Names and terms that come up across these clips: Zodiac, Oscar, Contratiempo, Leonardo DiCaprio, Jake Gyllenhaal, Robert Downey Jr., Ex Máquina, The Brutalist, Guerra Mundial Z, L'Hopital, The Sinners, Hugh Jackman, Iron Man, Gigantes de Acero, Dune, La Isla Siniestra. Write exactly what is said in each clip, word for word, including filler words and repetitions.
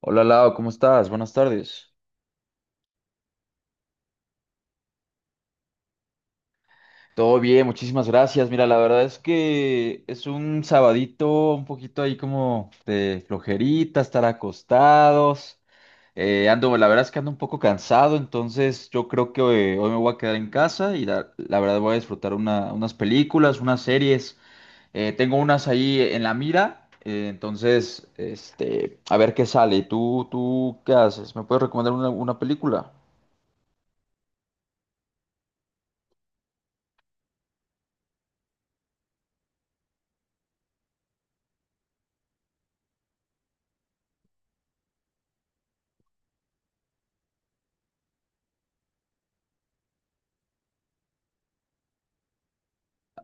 Hola Lau, ¿cómo estás? Buenas tardes. Todo bien, muchísimas gracias. Mira, la verdad es que es un sabadito un poquito ahí como de flojerita, estar acostados. Eh, ando, la verdad es que ando un poco cansado, entonces yo creo que hoy, hoy me voy a quedar en casa y la, la verdad voy a disfrutar una- unas películas, unas series. Eh, tengo unas ahí en la mira, eh, entonces, este, a ver qué sale. ¿Tú, tú qué haces? ¿Me puedes recomendar una, una película?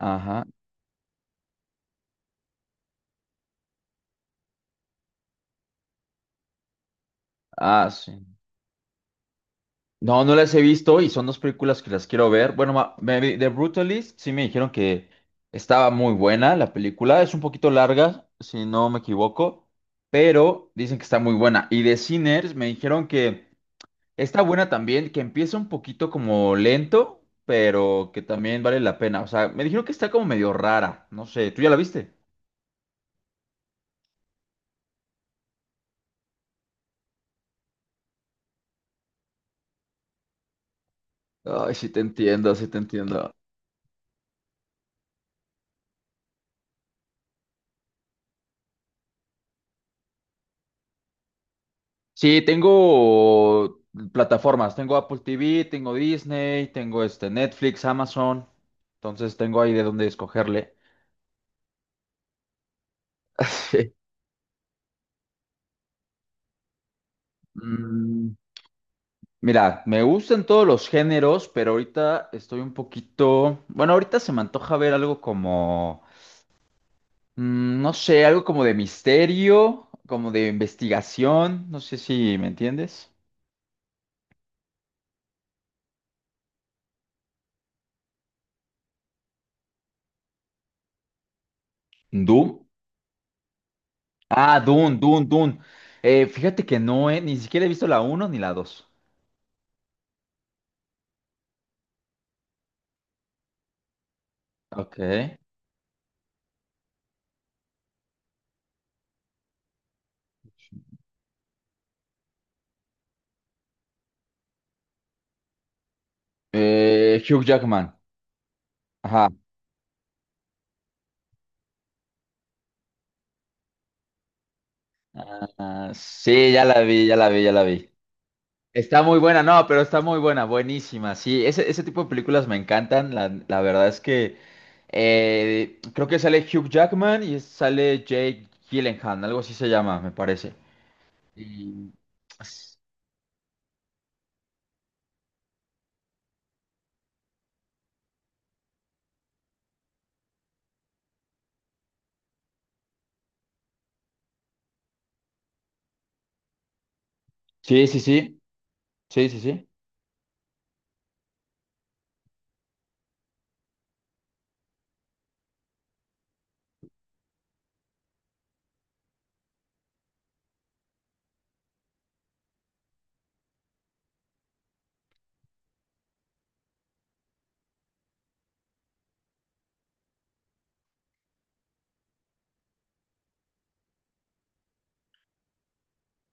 Ajá. Ah, sí. No, no las he visto y son dos películas que las quiero ver. Bueno, ma- me vi- The Brutalist sí me dijeron que estaba muy buena la película. Es un poquito larga, si no me equivoco, pero dicen que está muy buena. Y The Sinners me dijeron que está buena también, que empieza un poquito como lento, pero que también vale la pena. O sea, me dijeron que está como medio rara. No sé, ¿tú ya la viste? Ay, sí te entiendo, sí te entiendo. Sí, tengo plataformas, tengo Apple T V, tengo Disney, tengo este Netflix, Amazon, entonces tengo ahí de dónde escogerle. Sí. Mm, Mira, me gustan todos los géneros, pero ahorita estoy un poquito, bueno, ahorita se me antoja ver algo como, mm, no sé, algo como de misterio, como de investigación, no sé si me entiendes. Doom. Ah, Dune, Dune, Dune. Eh, fíjate que no, eh, ni siquiera he visto la uno ni la dos. Ok. Eh, Hugh Jackman. Ajá. Ah, sí, ya la vi, ya la vi, ya la vi. Está muy buena, no, pero está muy buena, buenísima. Sí, ese, ese tipo de películas me encantan. La, la verdad es que eh, creo que sale Hugh Jackman y sale Jake Gyllenhaal, algo así se llama, me parece. Y- Sí, sí, sí, sí, sí, sí.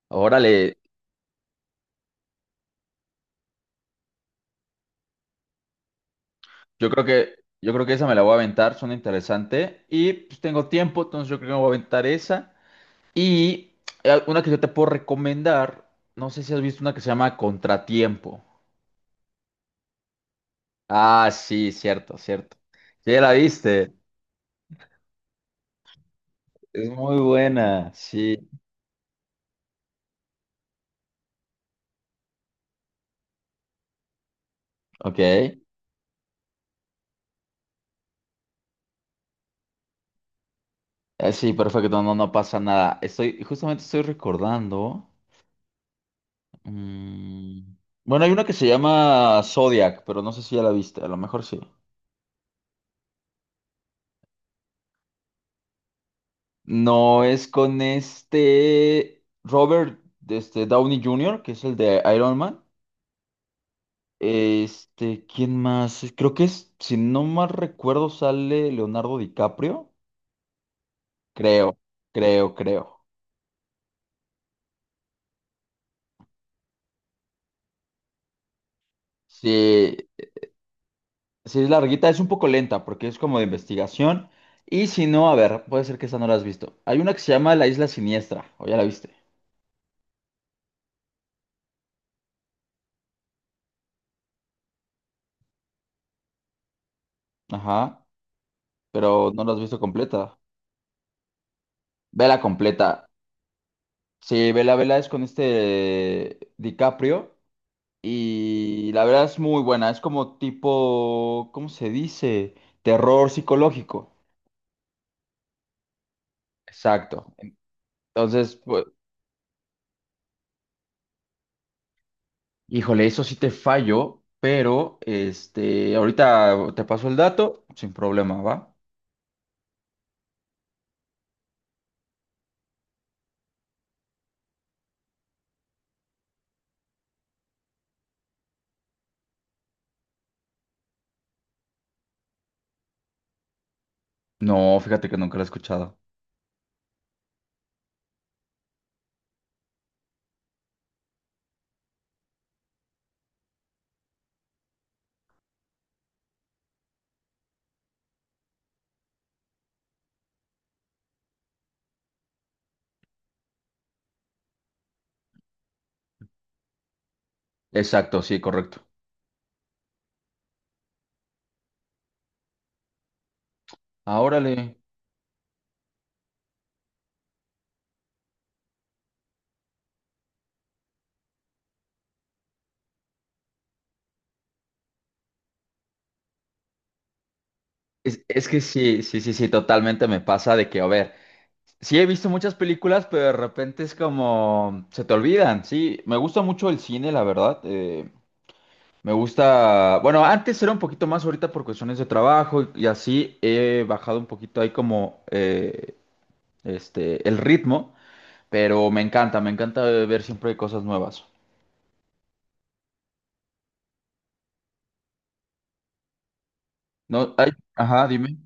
Órale, yo creo que, yo creo que esa me la voy a aventar, suena interesante. Y pues tengo tiempo, entonces yo creo que me voy a aventar esa. Y eh, una que yo te puedo recomendar, no sé si has visto una que se llama Contratiempo. Ah, sí, cierto, cierto. Sí, ya la viste. Es muy buena, sí. Ok. Eh, sí, perfecto, no, no pasa nada. Estoy, justamente estoy recordando. mm, Bueno, hay una que se llama Zodiac, pero no sé si ya la viste, a lo mejor sí. No es con este Robert este, Downey junior, que es el de Iron Man. Este, ¿quién más? Es- Creo que es, si no mal recuerdo, sale Leonardo DiCaprio. Creo, creo, creo. Sí, sí es larguita, es un poco lenta porque es como de investigación. Y si no, a ver, puede ser que esa no la has visto. Hay una que se llama La Isla Siniestra, o ya la viste. Ajá, pero no la has visto completa. Vela completa. Sí, vela, vela es con este eh, DiCaprio. Y la verdad es muy buena, es como tipo, ¿cómo se dice? Terror psicológico. Exacto. Entonces, pues, híjole, eso sí te fallo, pero este, ahorita te paso el dato sin problema, ¿va? No, fíjate que nunca lo he escuchado. Exacto, sí, correcto. Ah, órale. Es, es que sí, sí, sí, sí, totalmente me pasa de que, a ver, sí he visto muchas películas, pero de repente es como, se te olvidan, sí. Me gusta mucho el cine, la verdad. eh, Me gusta, bueno, antes era un poquito más ahorita por cuestiones de trabajo y, y así he bajado un poquito ahí como eh, este el ritmo, pero me encanta, me encanta ver siempre cosas nuevas. No, ay, ajá, dime.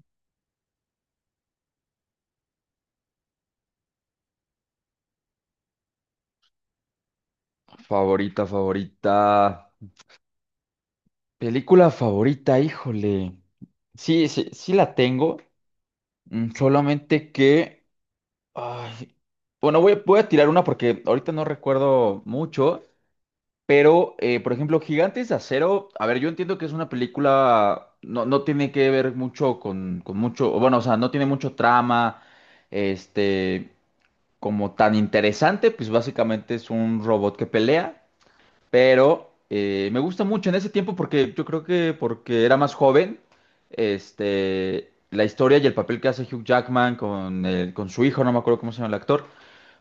Favorita, favorita. Película favorita, híjole. Sí, sí, sí la tengo, mm, solamente que ay, bueno, voy, voy a tirar una porque ahorita no recuerdo mucho. Pero, eh, por ejemplo, Gigantes de Acero, a ver, yo entiendo que es una película, no, no tiene que ver mucho con, con mucho, o bueno, o sea, no tiene mucho trama, este, como tan interesante, pues básicamente es un robot que pelea, pero eh, me gusta mucho en ese tiempo porque yo creo que porque era más joven, este, la historia y el papel que hace Hugh Jackman con, el- con su hijo, no me acuerdo cómo se llama el actor,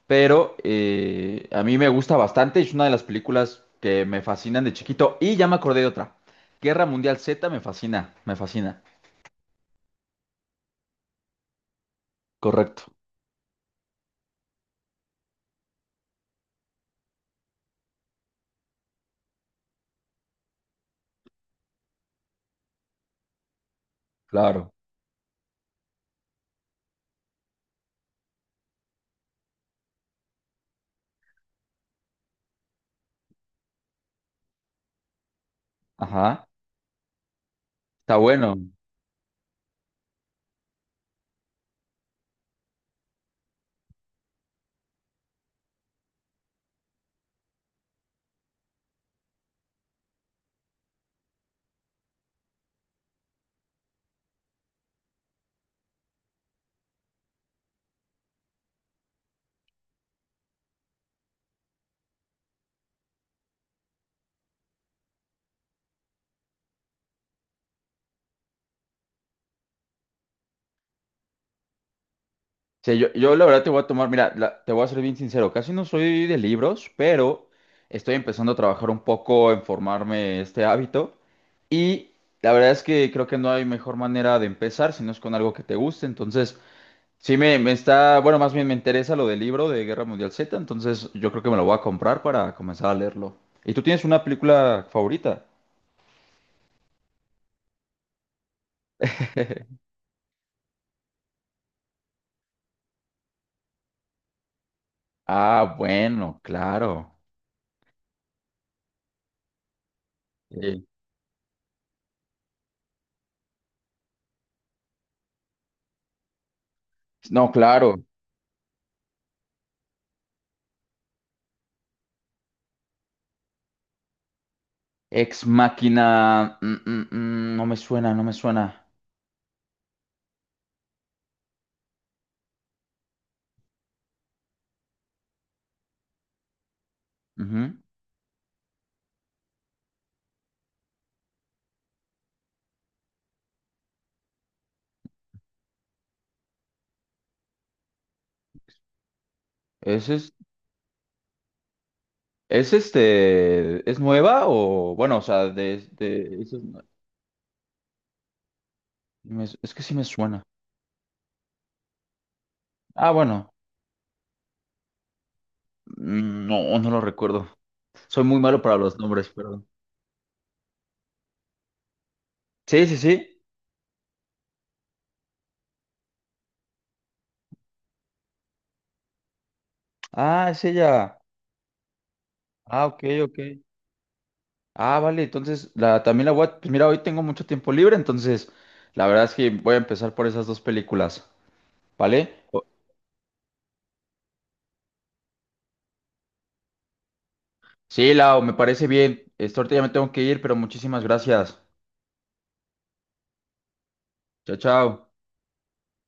pero eh, a mí me gusta bastante, es una de las películas que me fascinan de chiquito y ya me acordé de otra. Guerra Mundial Z me fascina, me fascina. Correcto. Claro. Ajá, está bueno. Sí, yo, yo la verdad te voy a tomar, mira, la- te voy a ser bien sincero, casi no soy de libros, pero estoy empezando a trabajar un poco en formarme este hábito y la verdad es que creo que no hay mejor manera de empezar si no es con algo que te guste, entonces sí, me, me está, bueno, más bien me interesa lo del libro de Guerra Mundial Z, entonces yo creo que me lo voy a comprar para comenzar a leerlo. ¿Y tú tienes una película favorita? Ah, bueno, claro. Sí. No, claro. Ex Máquina. mm, mm, mm, no me suena, no me suena. Ujú. ¿Es, es, es este. ¿Es nueva o.? Bueno, o sea, de. de- es, me- es que sí me suena. Ah, bueno. Mm, No, no lo recuerdo. Soy muy malo para los nombres, perdón. Sí, sí, sí. Ah, es ella. Ah, ok, ok. Ah, vale, entonces la, también la voy a... Pues mira, hoy tengo mucho tiempo libre, entonces la verdad es que voy a empezar por esas dos películas, ¿vale? O- Sí, Lau, me parece bien. Este, ahorita ya me tengo que ir, pero muchísimas gracias. Chao, chao.